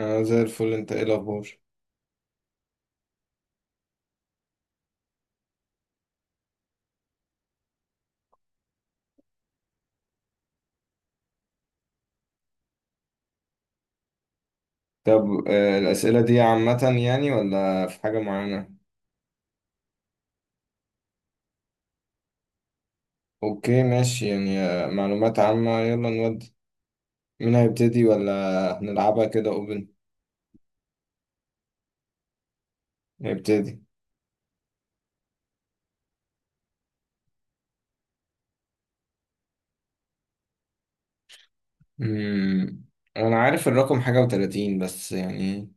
أنا زي الفل. أنت إيه الأخبار؟ طب الأسئلة دي عامة يعني ولا في حاجة معينة؟ أوكي ماشي، يعني معلومات عامة. يلا نودي. مين هيبتدي، ولا هنلعبها كده أوبن؟ هيبتدي. مم. أنا عارف الرقم حاجة وتلاتين بس يعني،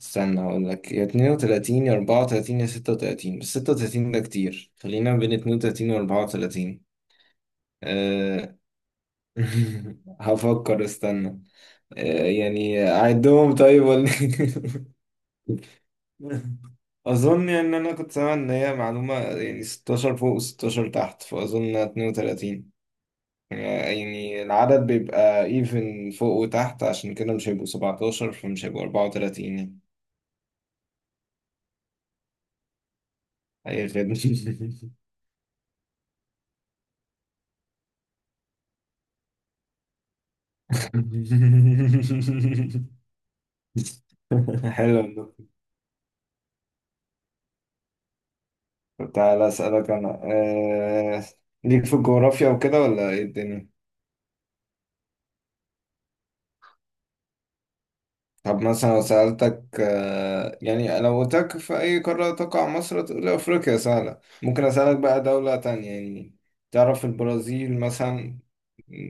استنى أقول لك، يا 32 يا 34 يا 36، بس 36 ده كتير. خلينا بين 32 وأربعة وتلاتين. أه... هفكر، استنى. يعني أعدهم طيب، ولا اظن يعني ان انا كنت سامع ان هي معلومه يعني 16 فوق و16 تحت، فاظن 32 يعني. يعني العدد بيبقى ايفن فوق وتحت، عشان كده مش هيبقوا 17، فمش هيبقوا 34 يعني. اي خدمه. حلو والله. طب تعالى اسالك انا. ليك في الجغرافيا وكده، ولا ايه الدنيا؟ طب مثلا لو سألتك، يعني لو قلت لك في أي قارة تقع مصر، تقول لي أفريقيا. سهلة. ممكن أسألك بقى دولة تانية يعني. تعرف البرازيل مثلا؟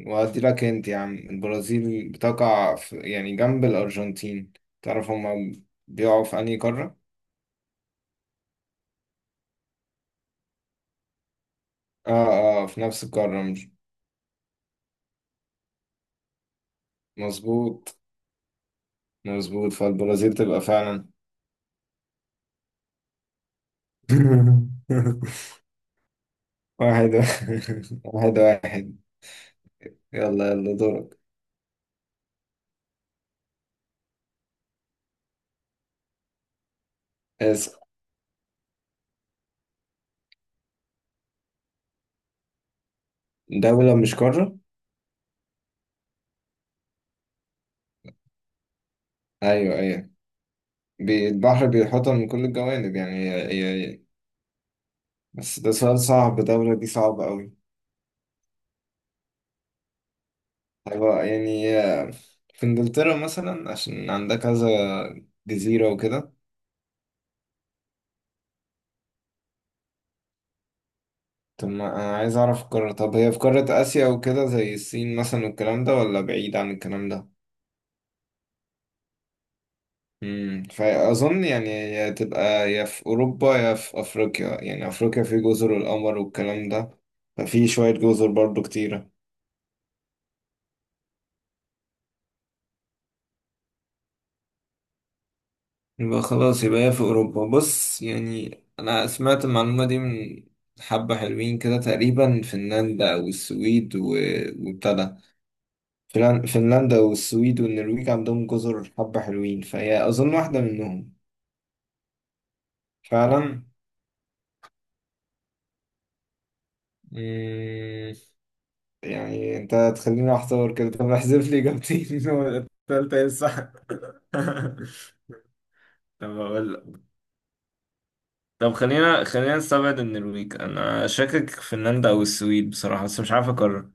وأدي لك أنت يا عم، البرازيل بتقع في يعني جنب الأرجنتين. تعرف هما بيقعوا في أنهي قارة؟ آه، آه، في نفس القارة، مش مظبوط؟ مظبوط، فالبرازيل تبقى فعلا. واحد واحد واحد واحد. يلا يلا دورك. اسأل. دولة مش قارة. ايوه، ايوه، البحر بيحوطها من كل الجوانب، يعني هي بس ده سؤال صعب، الدولة دي صعبة أوي. هيبقى يعني، في إنجلترا مثلا، عشان عندها كذا جزيرة وكده. طب ما أنا عايز أعرف القارة، طب هي في قارة آسيا وكده زي الصين مثلا والكلام ده، ولا بعيد عن الكلام ده؟ فأظن يعني هي تبقى يا في أوروبا يا في أفريقيا، يعني أفريقيا في جزر القمر والكلام ده، ففي شوية جزر برضو كتيرة. يبقى خلاص يبقى هي في أوروبا. بص يعني أنا سمعت المعلومة دي من حبة حلوين كده تقريبا، فنلندا والسويد وابتدى، فنلندا والسويد والنرويج عندهم جزر حبة حلوين، فهي أظن واحدة منهم. فعلا. مم، يعني أنت هتخليني أحتار كده؟ طب احذف لي إجابتين ولا التالتة هي الصح؟ طب أقول لك، طب خلينا نستبعد النرويج. أنا شاكك في فنلندا أو السويد بصراحة، بس مش عارف أقرر.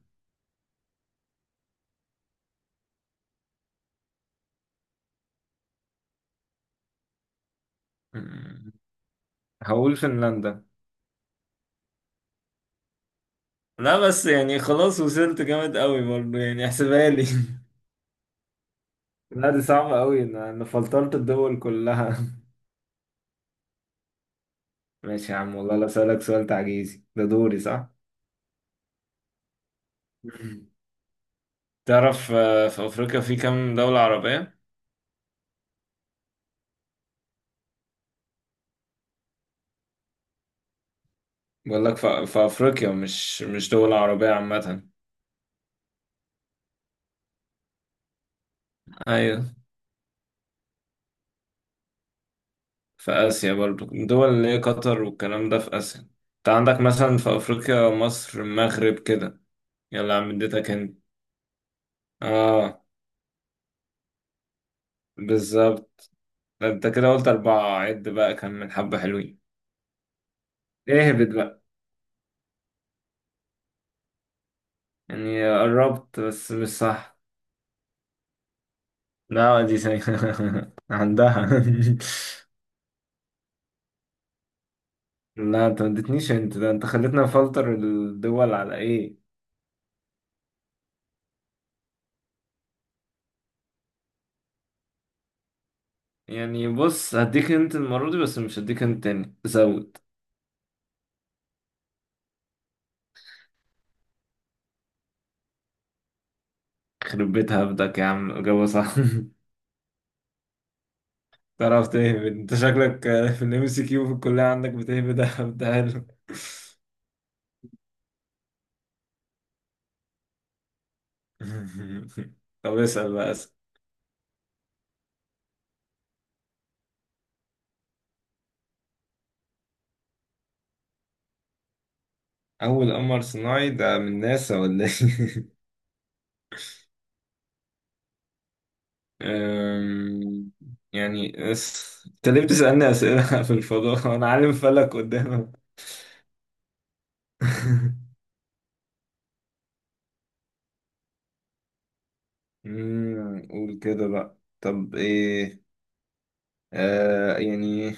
مم. هقول فنلندا. لا بس يعني خلاص وصلت، جامد قوي برضه، يعني احسبها لي. لا دي صعبة أوي، أنا فلترت الدول كلها. ماشي يا عم، والله لا أسألك سؤال تعجيزي. ده دوري صح؟ مم. تعرف في افريقيا في كام دولة عربية؟ بقول لك في افريقيا، مش دول عربية عامة. ايوه. في اسيا برضو، دول اللي هي قطر والكلام ده في اسيا، انت عندك مثلا في افريقيا مصر المغرب كده. يلا يا عم، اديتك انت. اه، بالظبط. ده انت كده قلت أربعة، عد بقى، كان من حبة حلوين. اهبط بقى. يعني قربت بس مش صح. لا دي عندها. لا انت ما اديتنيش، انت ده انت خليتنا نفلتر الدول على ايه. يعني بص هديك انت المرة دي، بس مش هديك انت تاني. زود. خرب بيت هبدك يا عم، إجابة صح. تعرف تهبد انت شكلك، في الام سي كيو في الكلية عندك بتهبد هبدها له. طب اسأل بقى. أول قمر صناعي ده من ناسا ولا إيه؟ أم، يعني أنت ليه بتسألني أسئلة في الفضاء؟ أنا عالم فلك قدامك. قول كده بقى. طب إيه؟ يعني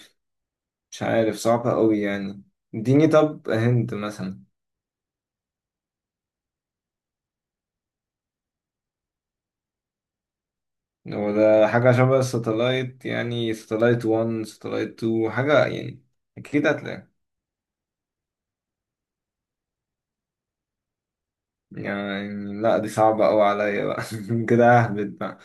مش عارف، صعبة أوي يعني. اديني طب هنت مثلا. هو ده حاجة شبه الساتلايت، يعني ساتلايت 1 ساتلايت 2، حاجة يعني؟ أكيد هتلاقي، يعني لا دي صعبة أوي عليا بقى. كده أهبد بقى.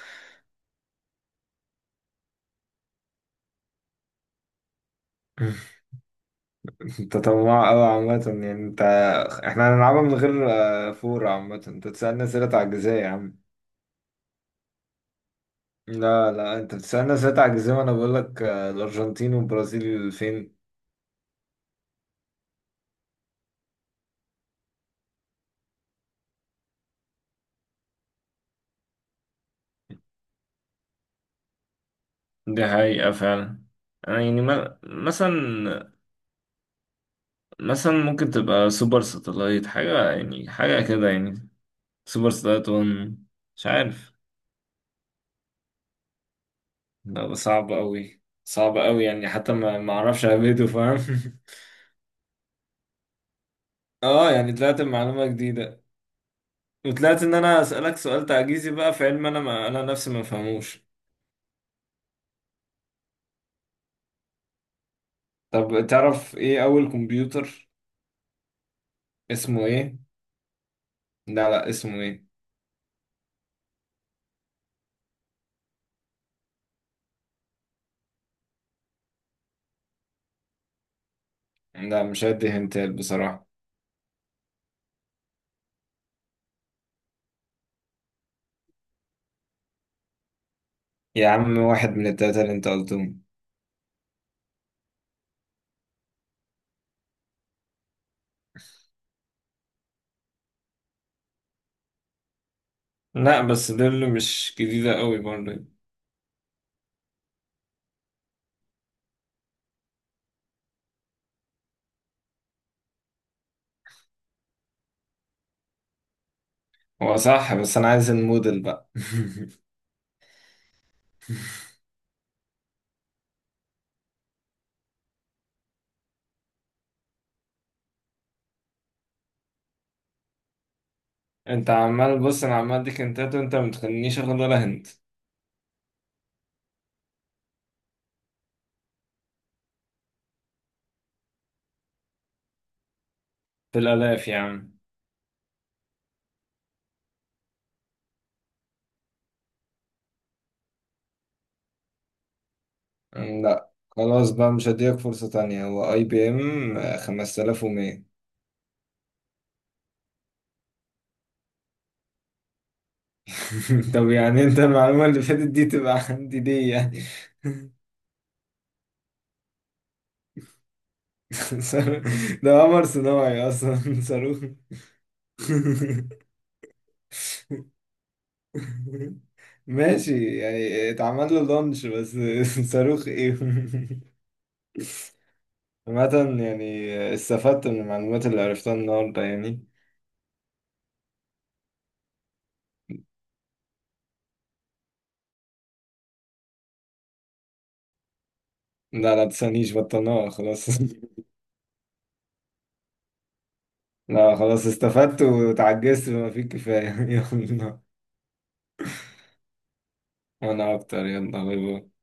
انت طماع قوي عامة يعني انت، احنا هنلعبها من غير فور. عامة انت تسألني اسئلة تعجيزية يا عم. لا، لا، انت بتسألني اسئلة تعجيزية، وانا بقول لك الارجنتين والبرازيل فين. دي حقيقة فعلا. يعني مثلا، مثلا ممكن تبقى سوبر ساتلايت حاجة، يعني حاجة كده يعني، سوبر ساتلايت 1؟ مش عارف. لا بس صعب قوي، صعب قوي، يعني حتى ما اعرفش اهبده، فاهم؟ اه يعني طلعت معلومة جديدة، وطلعت ان انا اسالك سؤال تعجيزي بقى في علم انا، ما انا نفسي ما فهموش. طب تعرف ايه اول كمبيوتر اسمه ايه؟ لا، لا، اسمه ايه؟ لا مش هدي هنتال بصراحة. يا عم واحد من التلاتة اللي انت قلتهم. لا بس دول مش جديدة قوي برضه. هو صح بس انا عايز الموديل بقى. انت عمال بص، انا عمال اديك هنتات وانت ما تخلينيش اخد ولا هنت. في الالاف يا عم. لا خلاص بقى، مش هديك فرصة تانية. هو اي بي ام 5100. طب يعني انت المعلومة اللي فاتت دي تبقى عندي ليه يعني؟ ده قمر صناعي اصلا. صاروخ! ماشي يعني اتعمل له لونش بس. صاروخ ايه. عامة يعني استفدت من المعلومات اللي عرفتها النهاردة يعني. لا، لا، تسألنيش، بطلناها خلاص. لا خلاص، استفدت وتعجزت بما فيه الكفاية. يلا انا اكتر. يلا، باي باي.